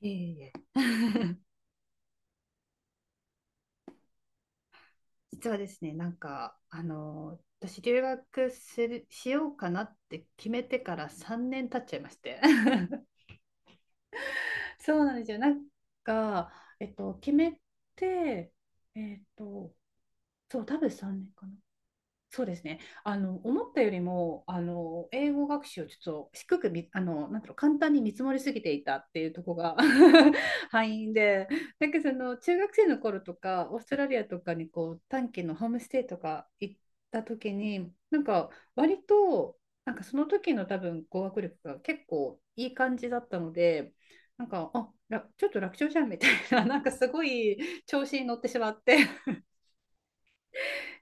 いえいえ。実はですね、私、留学する、しようかなって決めてから3年経っちゃいまして。そうなんですよ。か、決めて、えっと、そう、多分3年かな。そうですね。思ったよりも、英語学習をちょっと低くみ、あの、なんだろう、簡単に見積もりすぎていたっていうところが 敗因で、中学生の頃とか、オーストラリアとかにこう、短期のホームステイとか行った時に、割と、その時の多分語学力が結構いい感じだったので、あ、ちょっと楽勝じゃんみたいな、なんかすごい調子に乗ってしまって、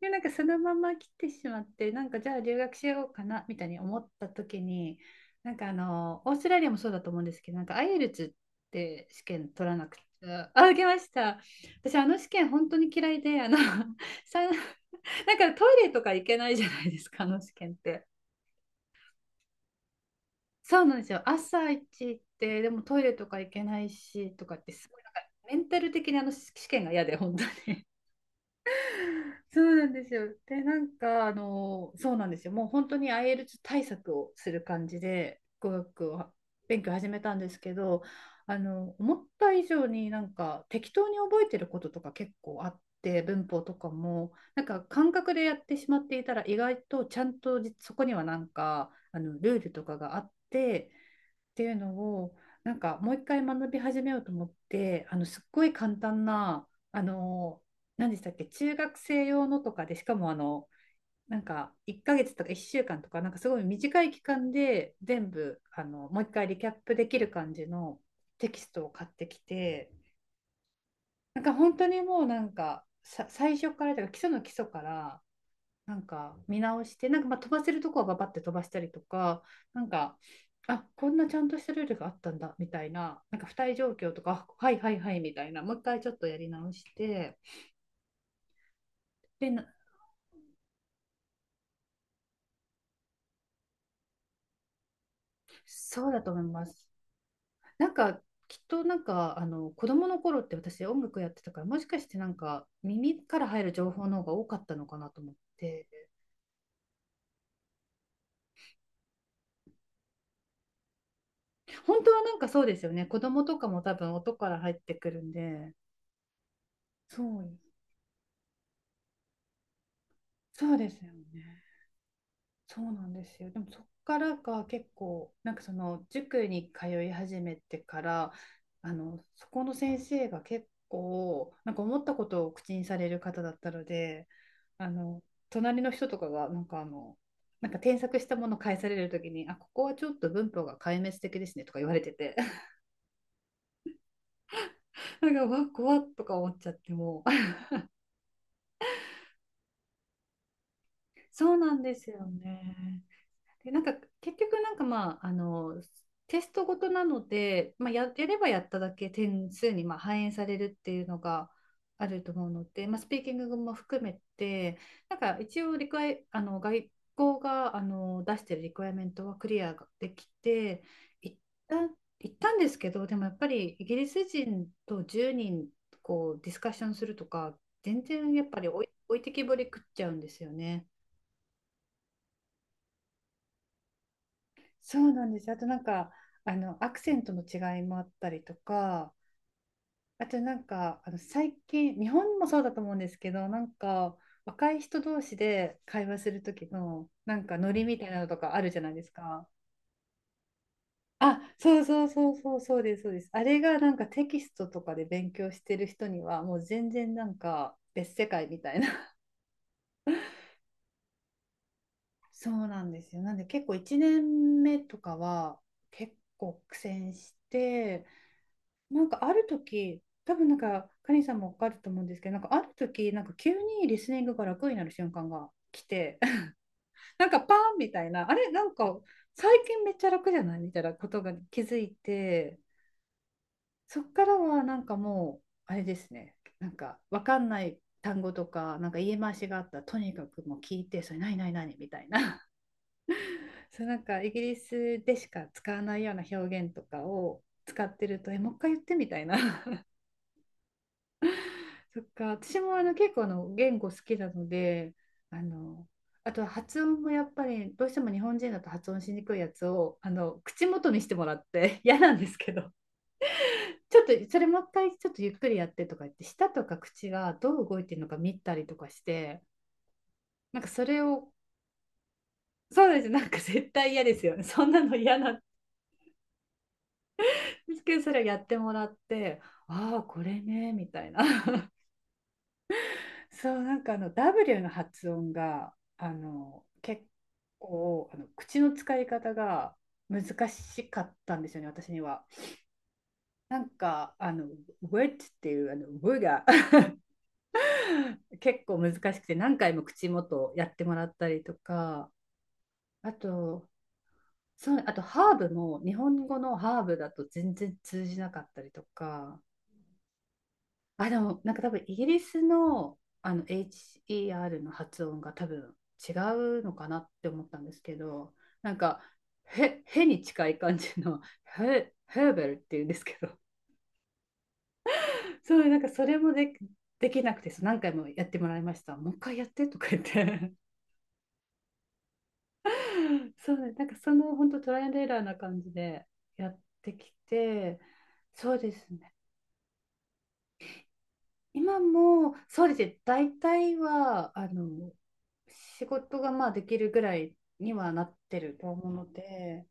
で、そのまま来てしまって、じゃあ留学しようかなみたいに思った時に、オーストラリアもそうだと思うんですけど、IELTS って試験取らなくて、あ、受けました。私、あの試験本当に嫌いで、さんなんかトイレとか行けないじゃないですか、あの試験って。そうなんですよ。朝一行って、でもトイレとか行けないしとかって、すごいメンタル的にあの試験が嫌で、本当に。そうなんですよ。で、そうなんですよ。もう本当に IELTS 対策をする感じで、語学を勉強始めたんですけど、思った以上に適当に覚えてることとか結構あって、文法とかも、感覚でやってしまっていたら、意外とちゃんとじそこにはルールとかがあって、っていうのをもう一回学び始めようと思ってすっごい簡単な何でしたっけ、中学生用のとかで、しかも1ヶ月とか1週間とか、なんかすごい短い期間で全部もう一回リキャップできる感じのテキストを買ってきて、本当にもうなんかさ最初からというか基礎の基礎から見直して、まあ飛ばせるとこはババって飛ばしたりとか、なんか、あ、こんなちゃんとしたルールがあったんだみたいな、付帯状況とか、あ、はいはいはいみたいな、もう一回ちょっとやり直して、で、なそうだと思います。なんかきっと子供の頃って私音楽やってたから、もしかして耳から入る情報の方が多かったのかなと思って。本当はそうですよね、子供とかも多分音から入ってくるんで。そう、そうですよね。そうなんですよ。でもそっからが結構その塾に通い始めてから、そこの先生が結構思ったことを口にされる方だったので、あの隣の人とかが添削したものを返されるときに、あ、ここはちょっと文法が壊滅的ですねとか言われてて なんかわ怖っとか思っちゃって、もう そうなんですよね。で、結局テストごとなので、まあ、やればやっただけ点数にまあ反映されるっていうのがあると思うので、まあ、スピーキングも含めて、一応リクエ、あの、外交が出してるリクエアメントはクリアできて、一旦行ったんですけど、でもやっぱりイギリス人と10人こうディスカッションするとか、全然やっぱり置いてきぼり食っちゃうんですよね。そうなんです。あとアクセントの違いもあったりとか、あと最近、日本もそうだと思うんですけど、若い人同士で会話する時の、ノリみたいなのとかあるじゃないですか。あ、そうそうそうそう、そうです、そうです。あれがテキストとかで勉強してる人には、もう全然別世界みたいな。そうなんですよ。なんで結構1年目とかは結構苦戦して、ある時、多分カリンさんもわかると思うんですけど、ある時、急にリスニングが楽になる瞬間が来て、パーンみたいな、あれ、最近めっちゃ楽じゃないみたいなことが気づいて、そっからはなんかもう、あれですね、わかんない単語とか、言い回しがあったら、とにかくもう聞いて、それ何何何みたいな、そう、イギリスでしか使わないような表現とかを使ってると、え、もう一回言ってみたいな。そっか、私も結構言語好きなので、あの、あとは発音もやっぱりどうしても日本人だと発音しにくいやつを口元にしてもらって 嫌なんですけど、ちょっとそれもう一回ちょっとゆっくりやってとか言って、舌とか口がどう動いてるのか見たりとかして、なんかそれを、そうです、絶対嫌ですよね。そんなの嫌なんですけど、それをやってもらって、ああー、これね、みたいな。そう、W の発音が結構口の使い方が難しかったんですよね、私には。なんかあの「wet」っていう「w」が 結構難しくて、何回も口元やってもらったりとか。あと、そう、あとハーブも日本語のハーブだと全然通じなかったりとか。あ、でも、多分イギリスの、HER の発音が多分違うのかなって思ったんですけど、なんか、へ、へに近い感じの、へ、ヘーベルっていうんですけど、そう、なんかそれもで、できなくて、そう何回もやってもらいました。もう一回やってとか言って。そうね、その本当トライアンドエラーな感じでやってきて、そうですね。今も、そうですね、大体は、仕事がまあできるぐらいにはなってると思うので。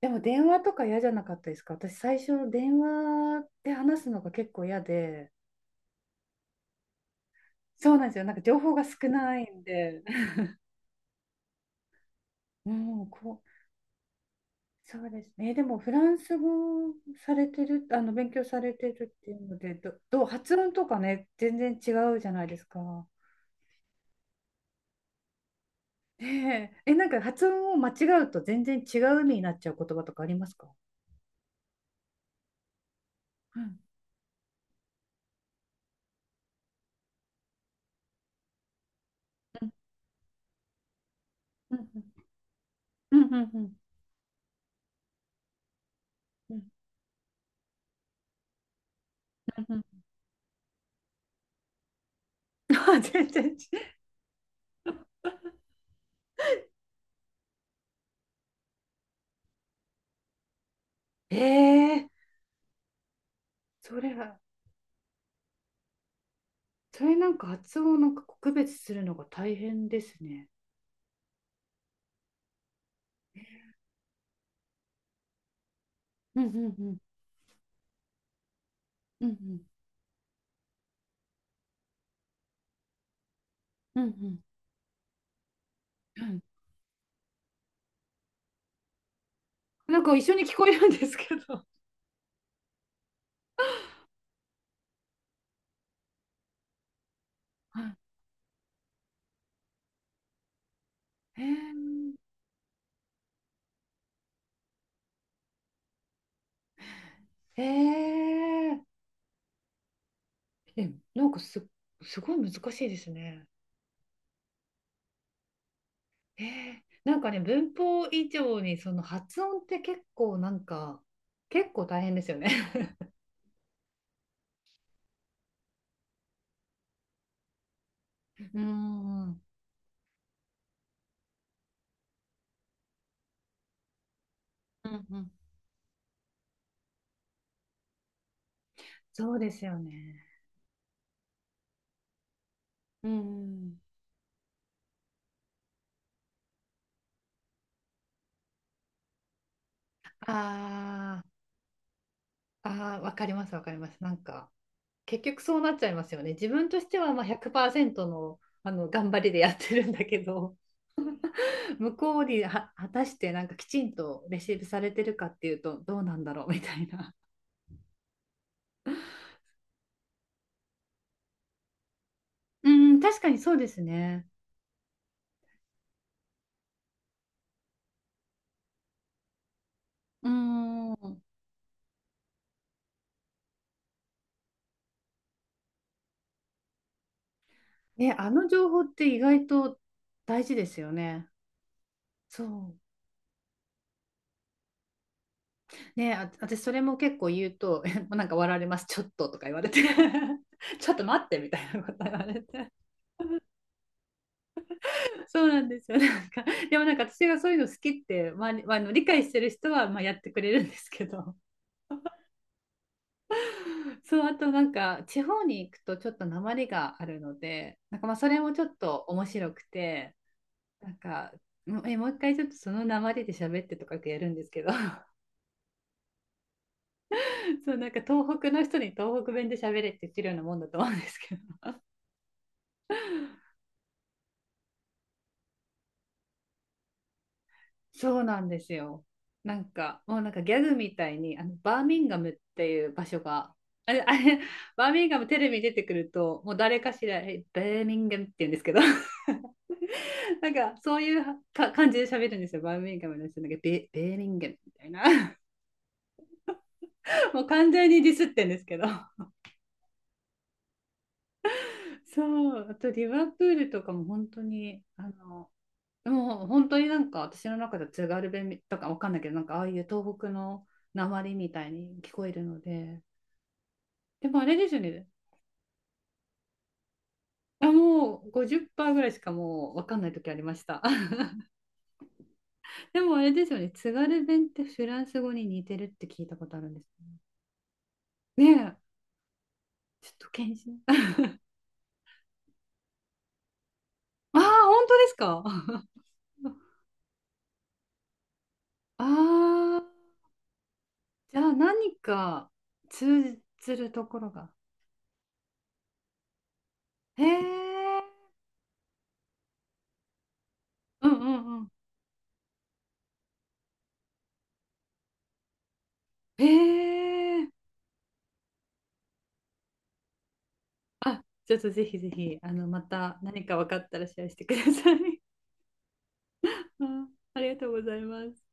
でも電話とか嫌じゃなかったですか？私、最初電話で話すのが結構嫌で、そうなんですよ。情報が少ないんで。うん、こう、そうですね。でもフランス語されてる、勉強されてるっていうので、ど、どう、発音とかね、全然違うじゃないですか。ねえ、え、発音を間違うと全然違う意味になっちゃう言葉とかありますか？うん。うん。うん。うん。うん。うん。うん。うん。うん。全然ち。ええ、それは、それ発音を区別するのが大変ですね。うん。うん。うん。うん。うん。うん。うん。うん。一緒に聞こえるんですけど。はい。ー、えー、え、なんかす、すごい難しいですね。ええ、文法以上にその発音って結構結構大変ですよね。うん。うん。うんうん。そうですよね。うん。うん。ああ。ああ、わかります、わかります。結局そうなっちゃいますよね。自分としてはまあ100%の、頑張りでやってるんだけど、向こうには果たしてきちんとレシーブされてるかっていうと、どうなんだろうみたいな。うん、確かにそうですね。うん。ね、あの情報って意外と大事ですよね。そう。ね、あ、私それも結構言うと、笑われます、ちょっととか言われて、ちょっと待ってみたいなこと言われて。そうなんですよ。でも私がそういうの好きって、まあ、まあの理解してる人はまあやってくれるんですけど、そう、あと地方に行くとちょっと訛りがあるので、まあそれもちょっと面白くて、なんか、もう一回ちょっとその訛りで喋ってとかってやるんですけど、そう、東北の人に東北弁で喋れって言ってるようなもんだと思うんですけど。そうなんですよ。もうギャグみたいに、バーミンガムっていう場所が、あれ、あれ、バーミンガムテレビに出てくると、もう誰かしら、えバーミンガムって言うんですけど、そういう感じで喋るんですよ。バーミンガムの人なんか、ベーミンガムみたいな。もう完全にディスってんですけど。そう、あとリバプールとかも本当に、もう本当に私の中では津軽弁とかわかんないけど、ああいう東北の鉛りみたいに聞こえるので。でもあれですよね。あ、もう50%ぐらいしかもう分かんない時ありました。でもあれですよね。津軽弁ってフランス語に似てるって聞いたことあるんですよね。ねえ、ちょっと検証。ああ、本当ですか？ ああ、じゃあ何か通ずるところが。へえ。うん。うん。うん。へえ、あ、ちょっとぜひぜひ、また何か分かったらシェアしてください。あありがとうございます。